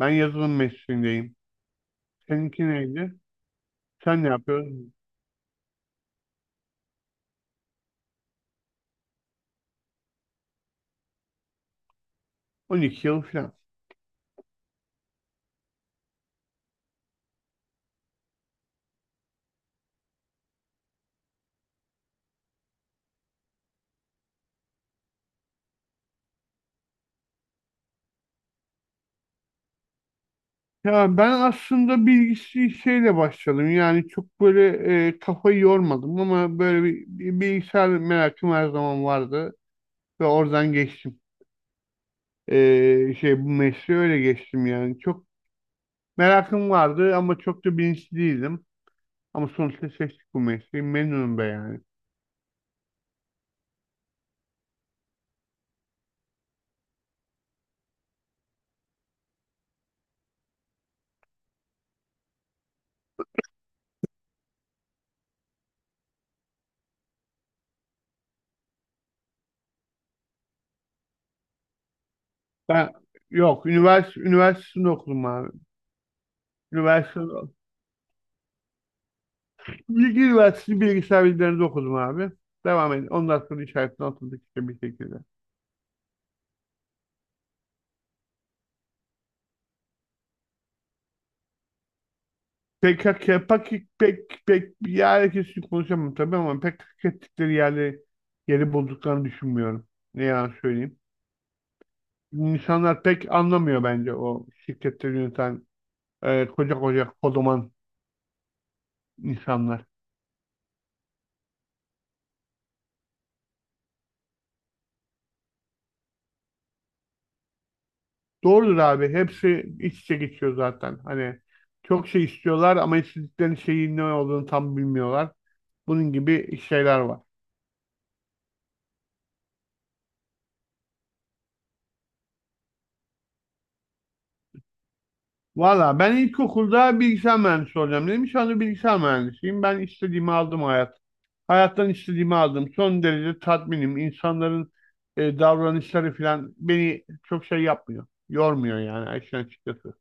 Ben yazılım mesleğindeyim. Seninki neydi? Sen ne yapıyorsun? 12 yıl falan. Ya ben aslında bilgisi şeyle başladım. Yani çok böyle kafayı yormadım ama böyle bir bilgisayar merakım her zaman vardı ve oradan geçtim. Bu mesleğe öyle geçtim yani. Çok merakım vardı ama çok da bilinçli değildim. Ama sonuçta seçtik bu mesleği. Memnunum be yani. Ben yok üniversitesinde okudum abi. Üniversite Bilgi Üniversitesi bilgisayar bilimlerinde okudum abi. Devam edin. Ondan sonra işaretini atıldık işte bir şekilde. PKK, pek pek pek yani kesin konuşamam tabii ama pek hak ettikleri yeri bulduklarını düşünmüyorum. Ne yalan söyleyeyim. İnsanlar pek anlamıyor bence o şirketleri yöneten koca koca kodoman insanlar. Doğrudur abi. Hepsi iç içe geçiyor zaten. Hani çok şey istiyorlar ama istedikleri şeyin ne olduğunu tam bilmiyorlar. Bunun gibi şeyler var. Valla ben ilkokulda bilgisayar mühendisi olacağım dedim. Şu anda bilgisayar mühendisiyim. Ben istediğimi aldım hayat. Hayattan istediğimi aldım. Son derece tatminim. İnsanların davranışları falan beni çok şey yapmıyor. Yormuyor yani işin açıkçası.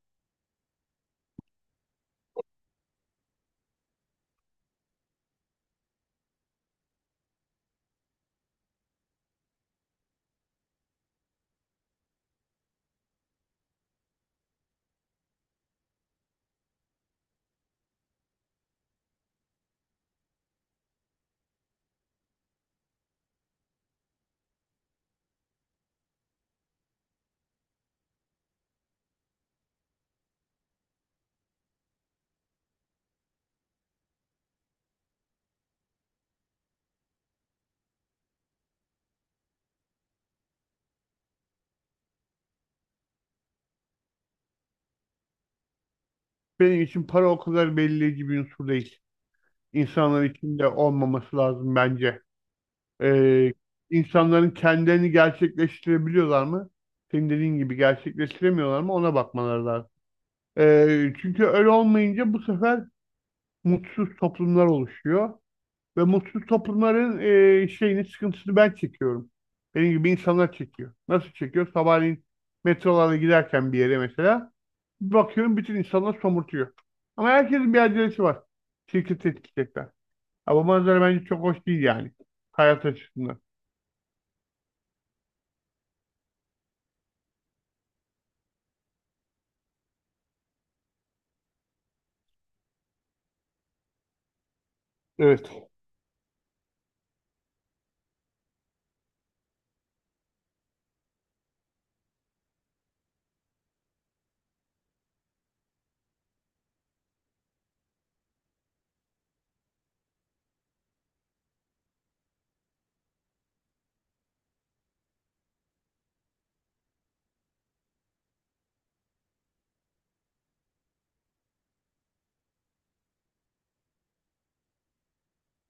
Benim için para o kadar belirleyici bir unsur değil. İnsanlar için de olmaması lazım bence. Ee, insanların kendilerini gerçekleştirebiliyorlar mı? Senin dediğin gibi gerçekleştiremiyorlar mı? Ona bakmaları lazım. Çünkü öyle olmayınca bu sefer mutsuz toplumlar oluşuyor. Ve mutsuz toplumların sıkıntısını ben çekiyorum. Benim gibi insanlar çekiyor. Nasıl çekiyor? Sabahleyin metrolarla giderken bir yere mesela bir bakıyorum bütün insanlar somurtuyor. Ama herkesin bir acelesi var. Şirketi etkileyecekler. Ha, bu manzara bence çok hoş değil yani. Hayat açısından. Evet.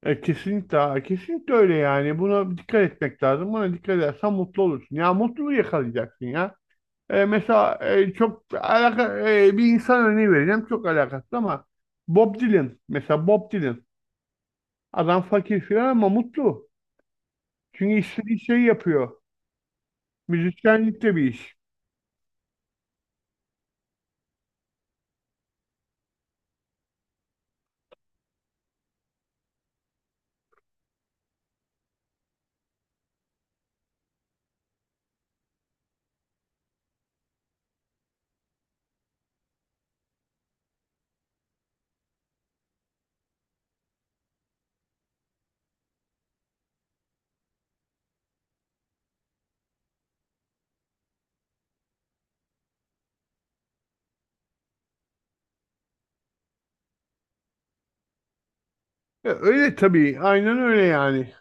Kesinlikle, abi, kesinlikle öyle yani. Buna dikkat etmek lazım. Buna dikkat edersen mutlu olursun. Ya mutluluğu yakalayacaksın ya. Mesela bir insan örneği vereceğim. Çok alakasız ama Bob Dylan. Mesela Bob Dylan. Adam fakir filan ama mutlu. Çünkü istediği şeyi yapıyor. Müzisyenlik de bir iş. Öyle tabii. Aynen öyle yani.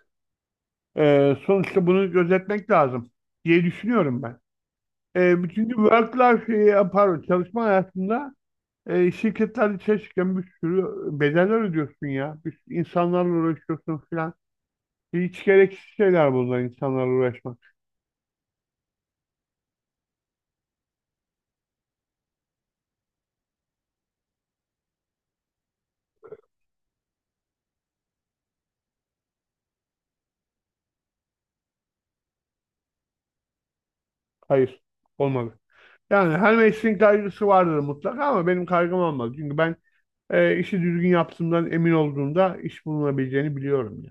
Sonuçta bunu gözetmek lazım diye düşünüyorum ben. Çünkü work life, pardon çalışma hayatında, şirketler çalışırken bir sürü bedeller ödüyorsun ya. Bir sürü insanlarla uğraşıyorsun filan. Hiç gereksiz şeyler bunlar insanlarla uğraşmak. Hayır, olmalı. Yani her mesleğin kaygısı vardır mutlaka ama benim kaygım olmaz. Çünkü ben işi düzgün yaptığımdan emin olduğumda iş bulunabileceğini biliyorum ya.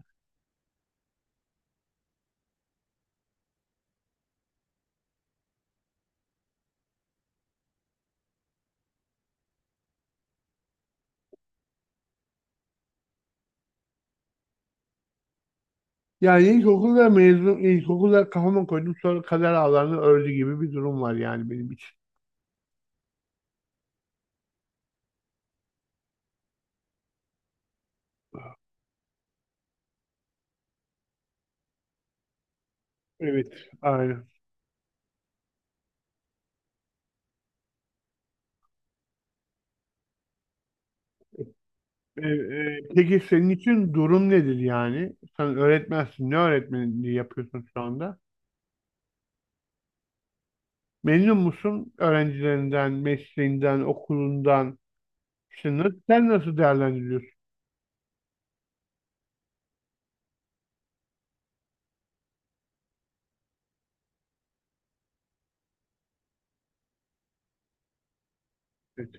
Yani ilkokulda kafama koydum sonra kader ağlarını ördü gibi bir durum var yani benim için. Evet, aynen. Peki senin için durum nedir yani? Sen öğretmensin. Ne öğretmenliği yapıyorsun şu anda? Memnun musun öğrencilerinden, mesleğinden, okulundan? İşte nasıl, sen nasıl değerlendiriyorsun? Evet.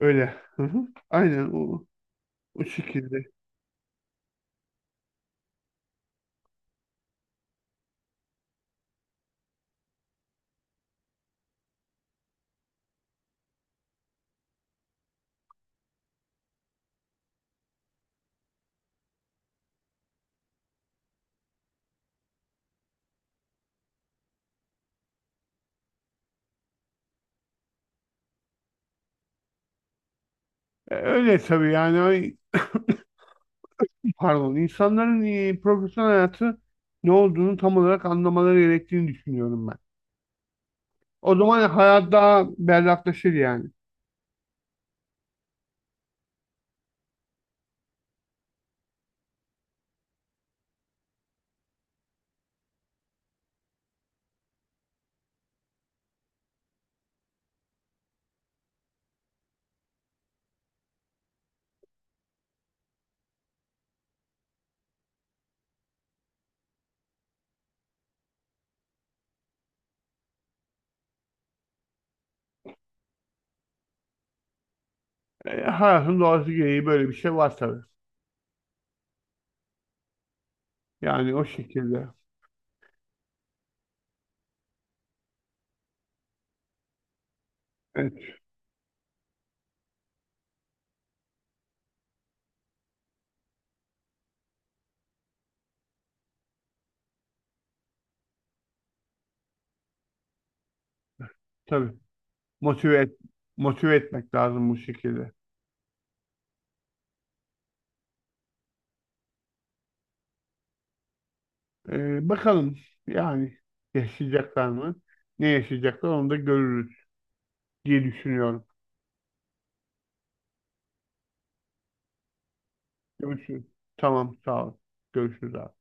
Öyle. Hı hı. Aynen o şekilde. Öyle tabii yani. Ay, pardon. İnsanların profesyonel hayatı ne olduğunu tam olarak anlamaları gerektiğini düşünüyorum ben. O zaman hayat daha berraklaşır yani. Hayatın doğası gereği böyle bir şey var tabii. Yani o şekilde. Evet, tabii. Motive et, motive etmek lazım bu şekilde. Bakalım yani yaşayacaklar mı? Ne yaşayacaklar onu da görürüz diye düşünüyorum. Görüşürüz. Tamam, sağ ol. Görüşürüz abi.